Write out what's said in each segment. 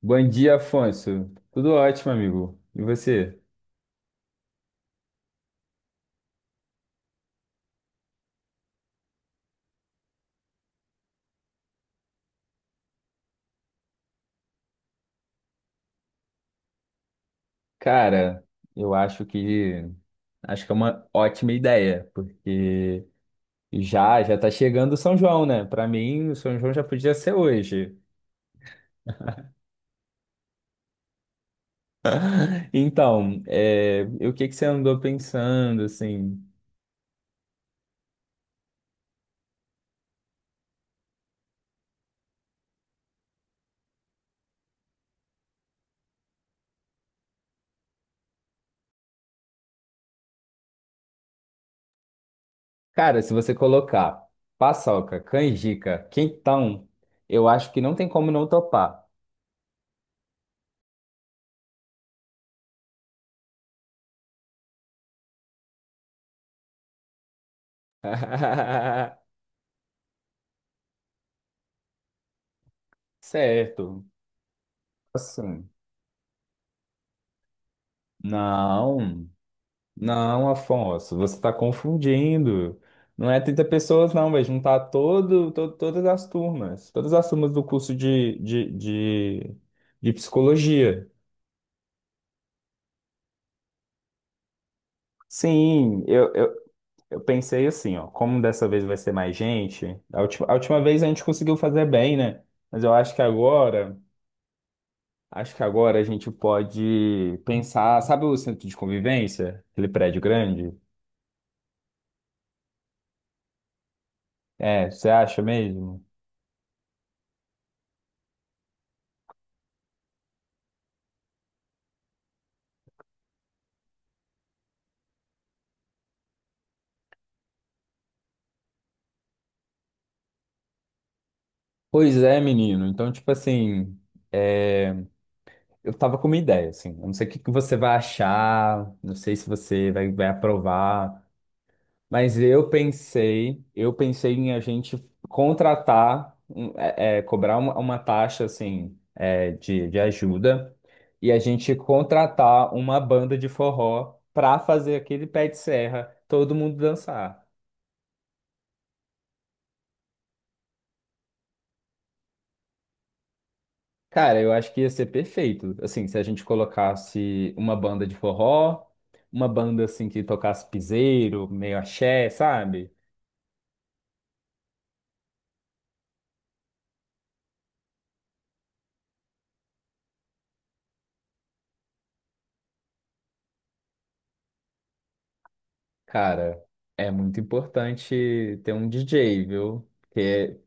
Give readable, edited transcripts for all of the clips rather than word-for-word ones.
Bom dia, Afonso. Tudo ótimo, amigo. E você? Cara, eu acho que é uma ótima ideia, porque já já tá chegando o São João, né? Pra mim, o São João já podia ser hoje. Então, é, e o que que você andou pensando, assim? Cara, se você colocar paçoca, canjica, quentão, eu acho que não tem como não topar. Certo. Assim, não. Não, Afonso, você está confundindo. Não é 30 pessoas, não, vai juntar todo, todas as turmas. Todas as turmas do curso de psicologia. Sim, eu pensei assim, ó, como dessa vez vai ser mais gente, a última vez a gente conseguiu fazer bem, né? Mas eu acho que agora a gente pode pensar, sabe o centro de convivência? Aquele prédio grande? É, você acha mesmo? Pois é, menino. Então, tipo assim, é, eu tava com uma ideia, assim. Eu não sei o que que você vai achar, não sei se vai aprovar, mas eu pensei em a gente contratar, cobrar uma taxa, assim, é, de ajuda e a gente contratar uma banda de forró pra fazer aquele pé de serra, todo mundo dançar. Cara, eu acho que ia ser perfeito. Assim, se a gente colocasse uma banda de forró, uma banda assim que tocasse piseiro, meio axé, sabe? Cara, é muito importante ter um DJ, viu? Porque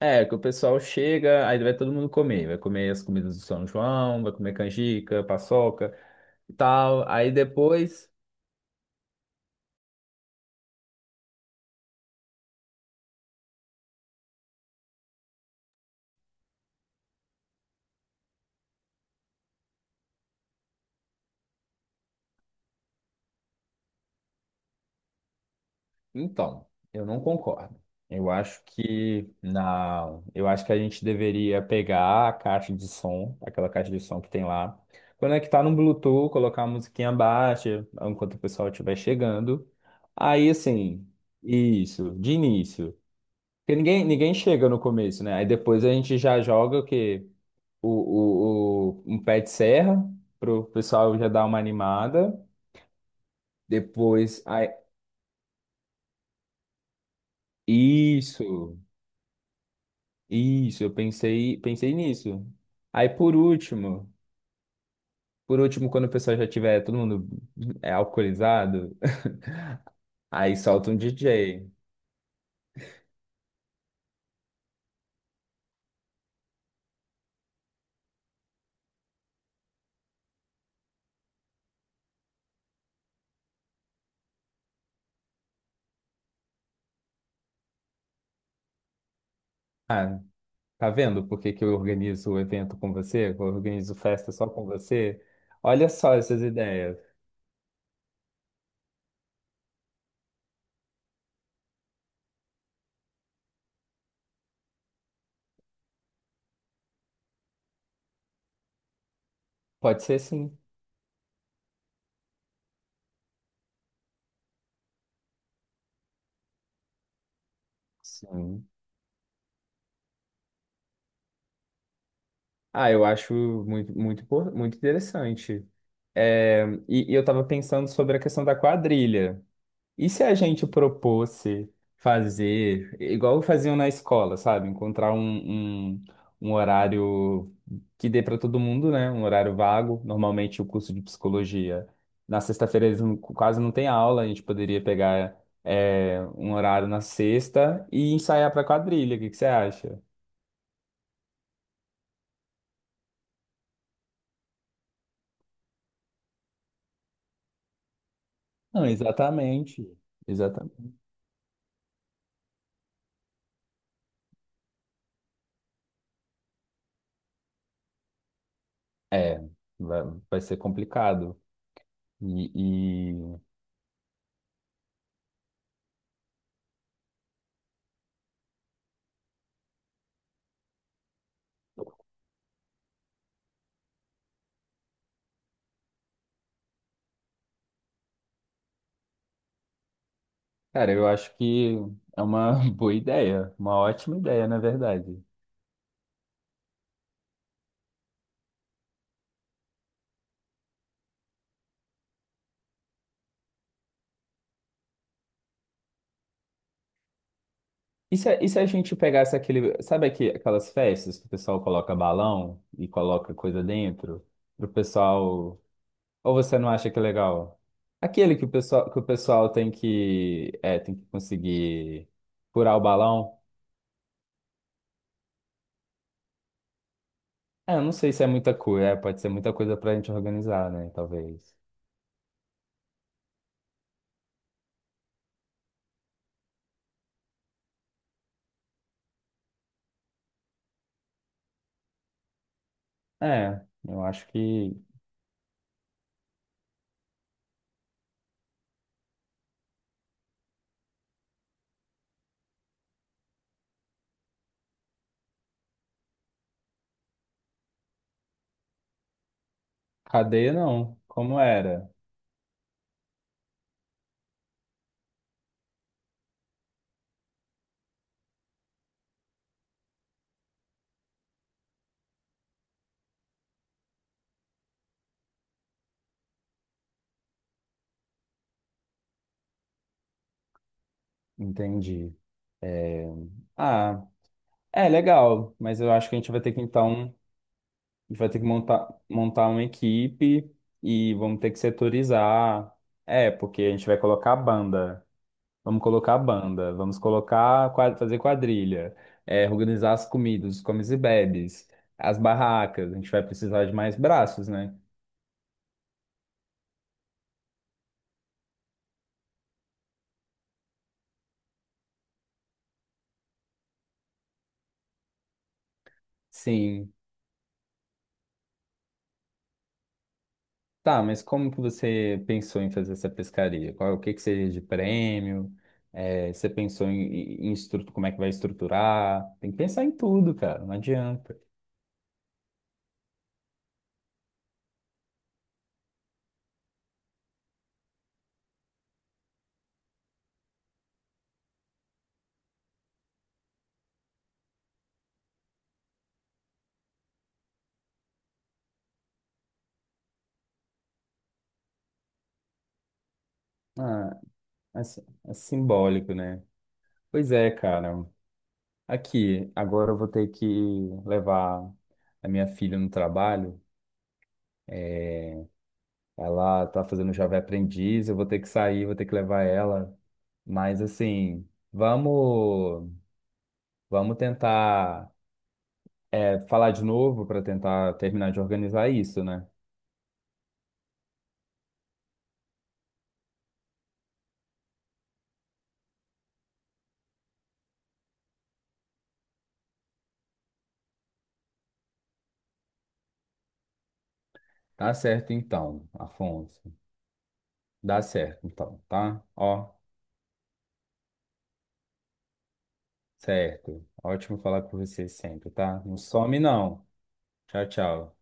é que o pessoal chega, aí vai todo mundo comer, vai comer as comidas do São João, vai comer canjica, paçoca e tal. Aí depois então, eu não concordo. Eu acho que a gente deveria pegar a caixa de som, aquela caixa de som que tem lá, conectar no Bluetooth, colocar a musiquinha baixa enquanto o pessoal estiver chegando. Aí, assim, isso, de início. Porque ninguém chega no começo, né? Aí depois a gente já joga o quê? Um pé de serra pro pessoal já dar uma animada. Depois, aí, isso. Isso, pensei nisso. Aí por último, por último, quando o pessoal já tiver todo mundo é, alcoolizado, aí solta um DJ. Ah, tá vendo por que que eu organizo o evento com você? Eu organizo festa só com você? Olha só essas ideias. Pode ser sim. Sim. Ah, eu acho muito interessante. É, e eu tava pensando sobre a questão da quadrilha. E se a gente propôsse fazer, igual faziam na escola, sabe? Encontrar um, um horário que dê para todo mundo, né? Um horário vago. Normalmente o curso de psicologia, na sexta-feira eles não- quase não tem aula, a gente poderia pegar é, um horário na sexta e ensaiar para quadrilha. O que que você acha? Não, exatamente. Exatamente. É, vai, vai ser complicado. E, cara, eu acho que é uma boa ideia, uma ótima ideia, na verdade. E se a gente pegasse aquele, sabe aqui, aquelas festas que o pessoal coloca balão e coloca coisa dentro, pro pessoal, ou você não acha que é legal? Aquele que que o pessoal tem que, é, tem que conseguir furar o balão. É, eu não sei se é muita coisa, é, pode ser muita coisa pra gente organizar, né, talvez. É, eu acho que cadeia não, como era? Entendi. É, ah, é legal, mas eu acho que a gente vai ter que então, a gente vai ter que montar, montar uma equipe e vamos ter que setorizar. É, porque a gente vai colocar a banda, vamos colocar a banda, vamos colocar, fazer quadrilha, é, organizar as comidas, os comes e bebes, as barracas, a gente vai precisar de mais braços, né? Sim. Tá, mas como que você pensou em fazer essa pescaria? Qual, o que que seria de prêmio? É, você pensou em como é que vai estruturar? Tem que pensar em tudo, cara, não adianta. Ah, é, é simbólico, né? Pois é, cara. Aqui, agora eu vou ter que levar a minha filha no trabalho. Ela tá fazendo Jovem Aprendiz, eu vou ter que sair, vou ter que levar ela. Mas assim, vamos, vamos tentar. É, falar de novo para tentar terminar de organizar isso, né? Tá certo então, Afonso. Dá certo então, tá? Ó, certo. Ótimo falar com você sempre, tá? Não some não. Tchau, tchau.